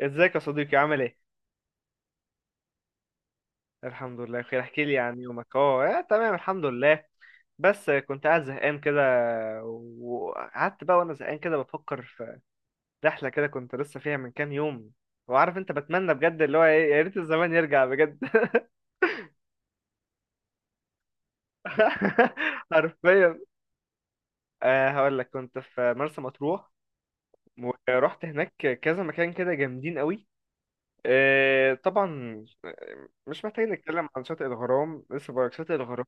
ازيك يا صديقي؟ عامل ايه؟ الحمد لله بخير. احكي لي عن يومك. تمام الحمد لله. بس كنت قاعد زهقان كده، وقعدت بقى وانا زهقان كده بفكر في رحلة كده كنت لسه فيها من كام يوم. وعارف انت، بتمنى بجد اللي هو ايه، يا ريت الزمان يرجع بجد. حرفيا هقول لك، كنت في مرسى مطروح ورحت هناك كذا مكان كده جامدين قوي. طبعا، مش محتاج نتكلم عن شاطئ الغرام. لسه بقولك شاطئ الغرام،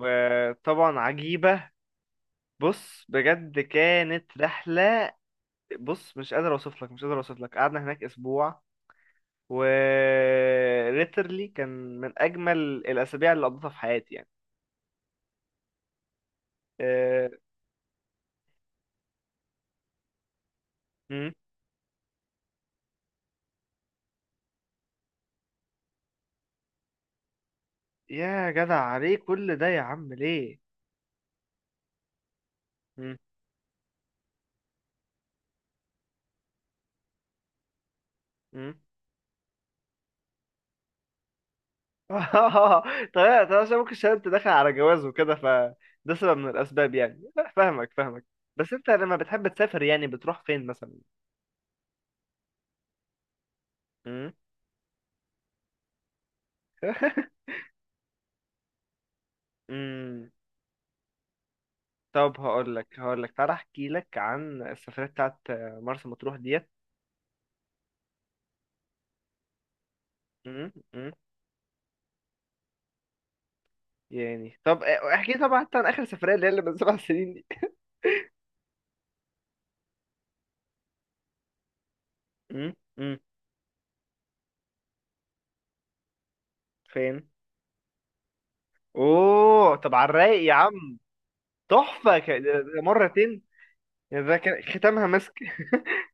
وطبعا عجيبة. بص، بجد كانت رحلة، بص مش قادر اوصف لك، مش قادر اوصف لك. قعدنا هناك اسبوع و literally كان من اجمل الاسابيع اللي قضيتها في حياتي يعني. أه... مم. يا جدع، عليه كل ده يا عم؟ ليه؟ مم. مم. طيب طيب، عشان ممكن، عشان انت داخل على جواز وكده، فده سبب من الاسباب يعني. لا، فاهمك فاهمك. بس انت لما بتحب تسافر يعني بتروح فين مثلا؟ مم. مم. طب هقول لك، تعالى احكي لك عن السفرية بتاعت مرسى مطروح ديت. مم، مم. يعني طب، احكي طبعا حتى عن اخر سفرية اللي من سبع سنين دي. مم، مم. فين؟ اوه، طب على الرايق يا عم. تحفة، ده مرتين؟ يعني ده كان ختامها مسك.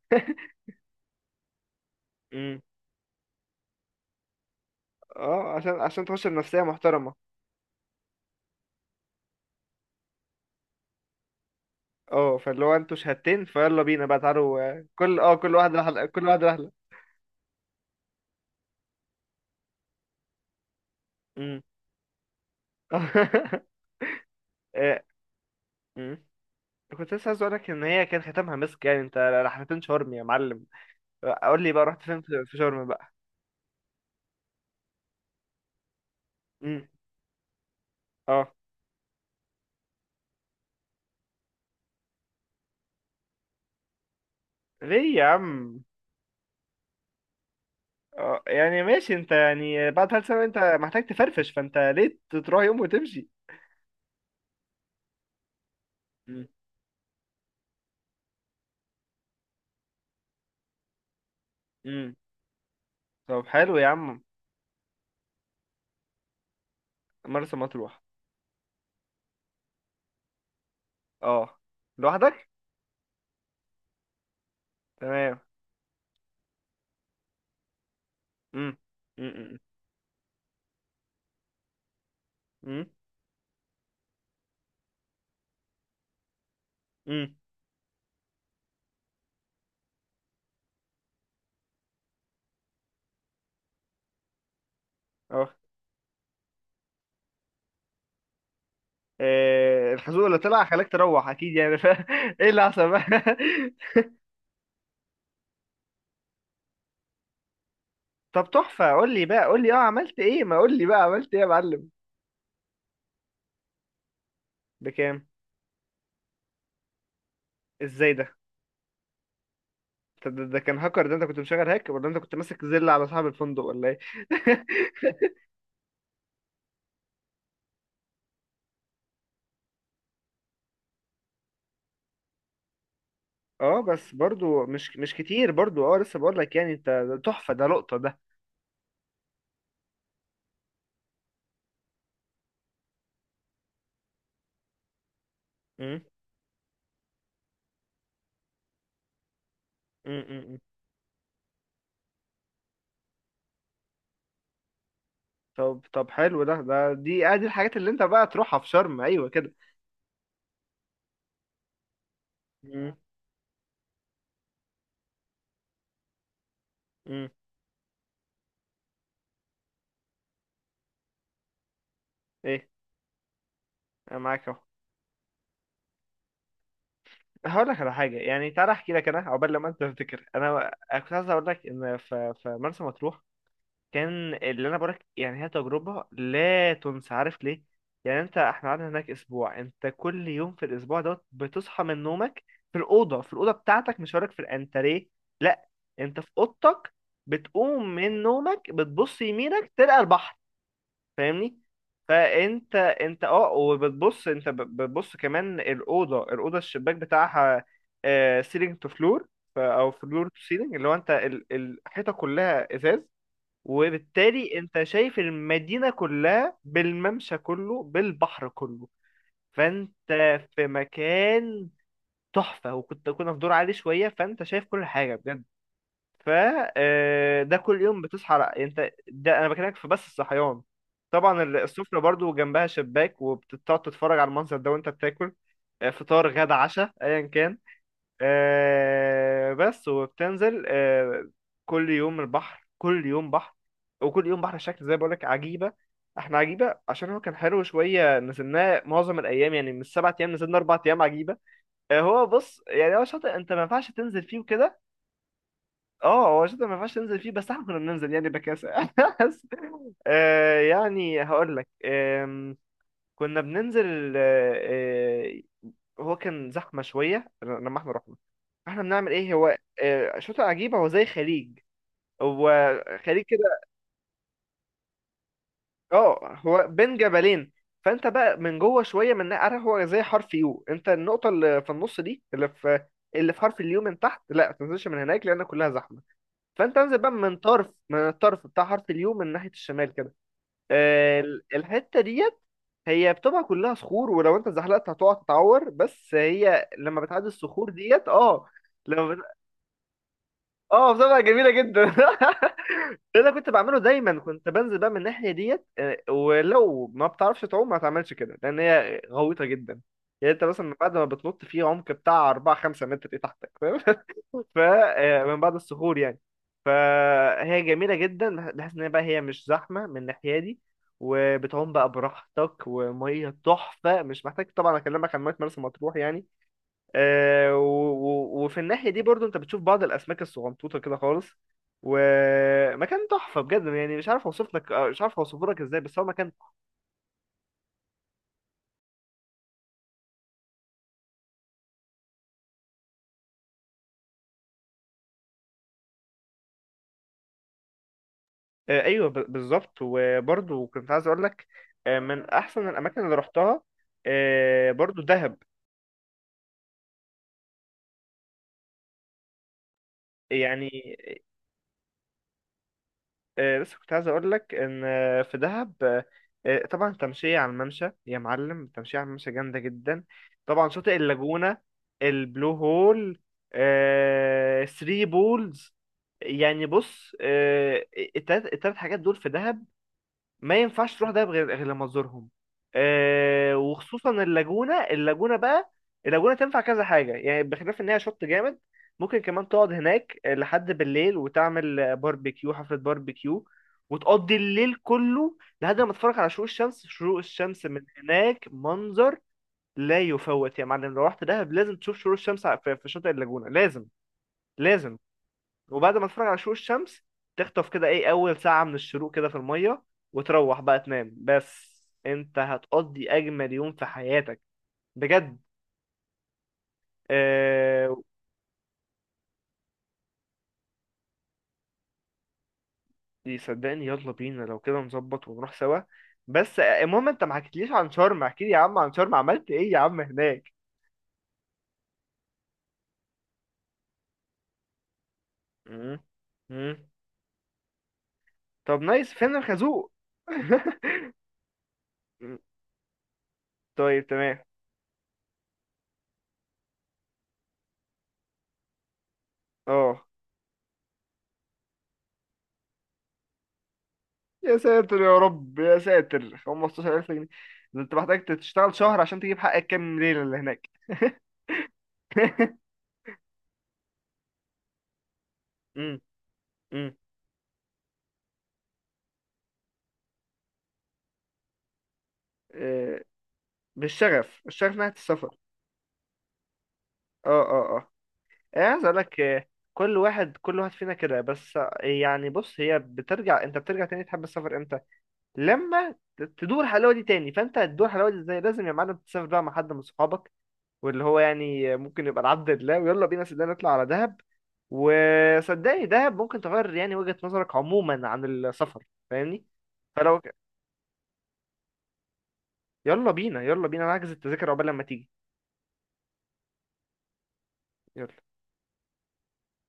مم. اه، عشان تخش بنفسية محترمة. اه، فاللي هو انتوا شهادتين، فيلا بينا بقى، تعالوا. كل واحد رحلة، كل واحد رحلة. مم. آه، كنت لسه عايز اقولك ان هي كان ختامها مسك يعني. انت رحلتين شرم يا معلم. قول لي بقى، رحت فين في شرم بقى؟ امم. اه. ليه يا عم؟ اه يعني ماشي، انت يعني بعد ثلاث سنة انت محتاج تفرفش. فانت ليه تروح يوم وتمشي؟ امم. امم. طب حلو يا عم. مرسى مطروح. اه، لوحدك؟ تمام. امم. امم. امم. امم. اه، إيه، الحزوق اللي طلع خلاك تروح اكيد يعني ايه اللي حصل بقى؟ طب تحفة، قول لي بقى، قول لي، اه، عملت ايه؟ ما قول لي بقى عملت ايه يا معلم؟ بكام؟ ازاي ده؟ طب ده، كان هاكر ده، انت كنت مشغل هاك، ولا انت كنت ماسك زل على صاحب الفندق، ولا ايه؟ اه، بس برضو مش كتير برضو. اه لسه بقول لك، يعني انت ده تحفة، ده لقطة ده. مم. مم. مم. طب طب، حلو ده ده دي ادي الحاجات اللي انت بقى تروحها في شرم، ايوه كده. مم. مم. ايه؟ انا معاك اهو. هقول لك على حاجة يعني، تعالى احكي لك انا عقبال لما انت تفتكر. انا كنت عايز اقول لك ان، في مرسى مطروح، كان اللي انا بقولك يعني، هي تجربه لا تنسى. عارف ليه؟ يعني انت، احنا قعدنا هناك اسبوع، انت كل يوم في الاسبوع دوت بتصحى من نومك في الاوضه، بتاعتك، مش هقولك في الانتريه، لا، انت في اوضتك. بتقوم من نومك، بتبص يمينك، تلقى البحر. فاهمني؟ فانت انت اه، وبتبص انت بتبص كمان الاوضه، الشباك بتاعها سيلينج تو فلور، او فلور تو سيلينج، اللي هو انت الحيطه كلها ازاز، وبالتالي انت شايف المدينة كلها، بالممشى كله، بالبحر كله. فانت في مكان تحفة، كنا في دور عالي شوية، فانت شايف كل حاجة بجد. ف ده كل يوم بتصحى انت ده انا بكلمك في بس الصحيان. طبعا السفرة برضو جنبها شباك، وبتقعد تتفرج على المنظر ده وانت بتاكل فطار، غدا، عشاء، ايا كان. بس، وبتنزل. كل يوم البحر، كل يوم بحر. وكل يوم بحر شكل، زي بقولك عجيبة. احنا عجيبة، عشان هو كان حلو شوية، نزلناه معظم الأيام يعني، من السبع أيام نزلنا أربع أيام عجيبة. هو بص يعني، هو شاطئ أنت ما ينفعش تنزل فيه وكده. اه، هو شاطئ ما ينفعش تنزل فيه، بس احنا كنا بننزل يعني بكاسة بس. يعني هقولك، كنا بننزل. آه، هو كان زحمه شويه لما احنا رحنا. احنا بنعمل ايه، هو شاطئ عجيبه، هو زي خليج، هو خليج كده. اه هو بين جبلين، فانت بقى من جوه شويه، من عارف، هو زي حرف يو. انت النقطه اللي في النص دي، اللي في حرف اليو من تحت، لا ما تنزلش من هناك لان كلها زحمه. فانت انزل بقى من طرف، الطرف بتاع حرف اليو من ناحيه الشمال كده. الحتة ديت هي بتبقى كلها صخور، ولو انت زحلقت هتقع تتعور، بس هي لما بتعدي الصخور ديت، اه لما، اه، بتبقى جميله جدا. ده اللي كنت بعمله دايما، كنت بنزل بقى من الناحيه ديت. ولو ما بتعرفش تعوم، ما تعملش كده، لان هي غويطه جدا. يعني انت مثلا بعد ما بتنط في عمق بتاع 4 5 متر، ايه تحتك، فاهم؟ فمن بعد الصخور يعني، فهي جميله جدا، بحيث ان هي بقى، هي مش زحمه من الناحيه دي، وبتعوم بقى براحتك، وميه تحفه، مش محتاج طبعا اكلمك عن ميه مرسى مطروح يعني. وفي الناحية دي برضو انت بتشوف بعض الأسماك الصغنطوطة كده خالص، ومكان تحفة بجد يعني. مش عارف اوصف لك، مش عارف اوصف لك ازاي، بس هو مكان. ايوه بالظبط. وبرضو كنت عايز اقول لك، من احسن الاماكن اللي رحتها، برضو دهب. يعني، بس كنت عايز اقول لك ان، في دهب، طبعا التمشية على الممشى يا معلم، التمشية على الممشى جامدة جدا. طبعا شاطئ اللاجونة، البلو هول، ثري بولز. يعني بص، التلات حاجات دول في دهب، ما ينفعش تروح دهب غير لما تزورهم. آه، وخصوصا اللاجونة بقى اللاجونة تنفع كذا حاجة يعني، بخلاف ان هي شط جامد. ممكن كمان تقعد هناك لحد بالليل، وتعمل باربيكيو، حفلة باربيكيو، وتقضي الليل كله لحد ما تتفرج على شروق الشمس. شروق الشمس من هناك منظر لا يفوت يا معلم، لو رحت دهب لازم تشوف شروق الشمس في في شاطئ اللاجونة، لازم لازم. وبعد ما تتفرج على شروق الشمس، تخطف كده ايه اول ساعة من الشروق كده في المية، وتروح بقى تنام، بس انت هتقضي اجمل يوم في حياتك بجد. آه... صدقني، يلا بينا لو كده، نظبط ونروح سوا. بس، المهم، انت ما حكيتليش عن شرم، احكي لي يا عم عن شرم، عملت ايه يا عم هناك؟ مم. مم. طب نايس، فين الخازوق؟ طيب تمام. اه يا ساتر يا رب، يا ساتر، 15000 جنيه؟ ده انت محتاج تشتغل شهر عشان تجيب حقك كام ليلة اللي هناك. امم. امم. آه، بالشغف الشغف ناحية السفر. اه اه اه، انا عايز اقول لك، كل واحد، فينا كده، بس، يعني بص، هي بترجع، انت بترجع تاني تحب السفر امتى؟ لما تدور الحلاوه دي تاني. فانت هتدور الحلاوه دي ازاي؟ لازم يا معلم تسافر بقى مع حد من صحابك، واللي هو يعني ممكن يبقى العبد لله، ويلا بينا صدقني نطلع على دهب. وصدقني دهب ممكن تغير يعني وجهة نظرك عموما عن السفر. فاهمني؟ فلو، يلا بينا، نحجز التذاكر عقبال لما تيجي. يلا.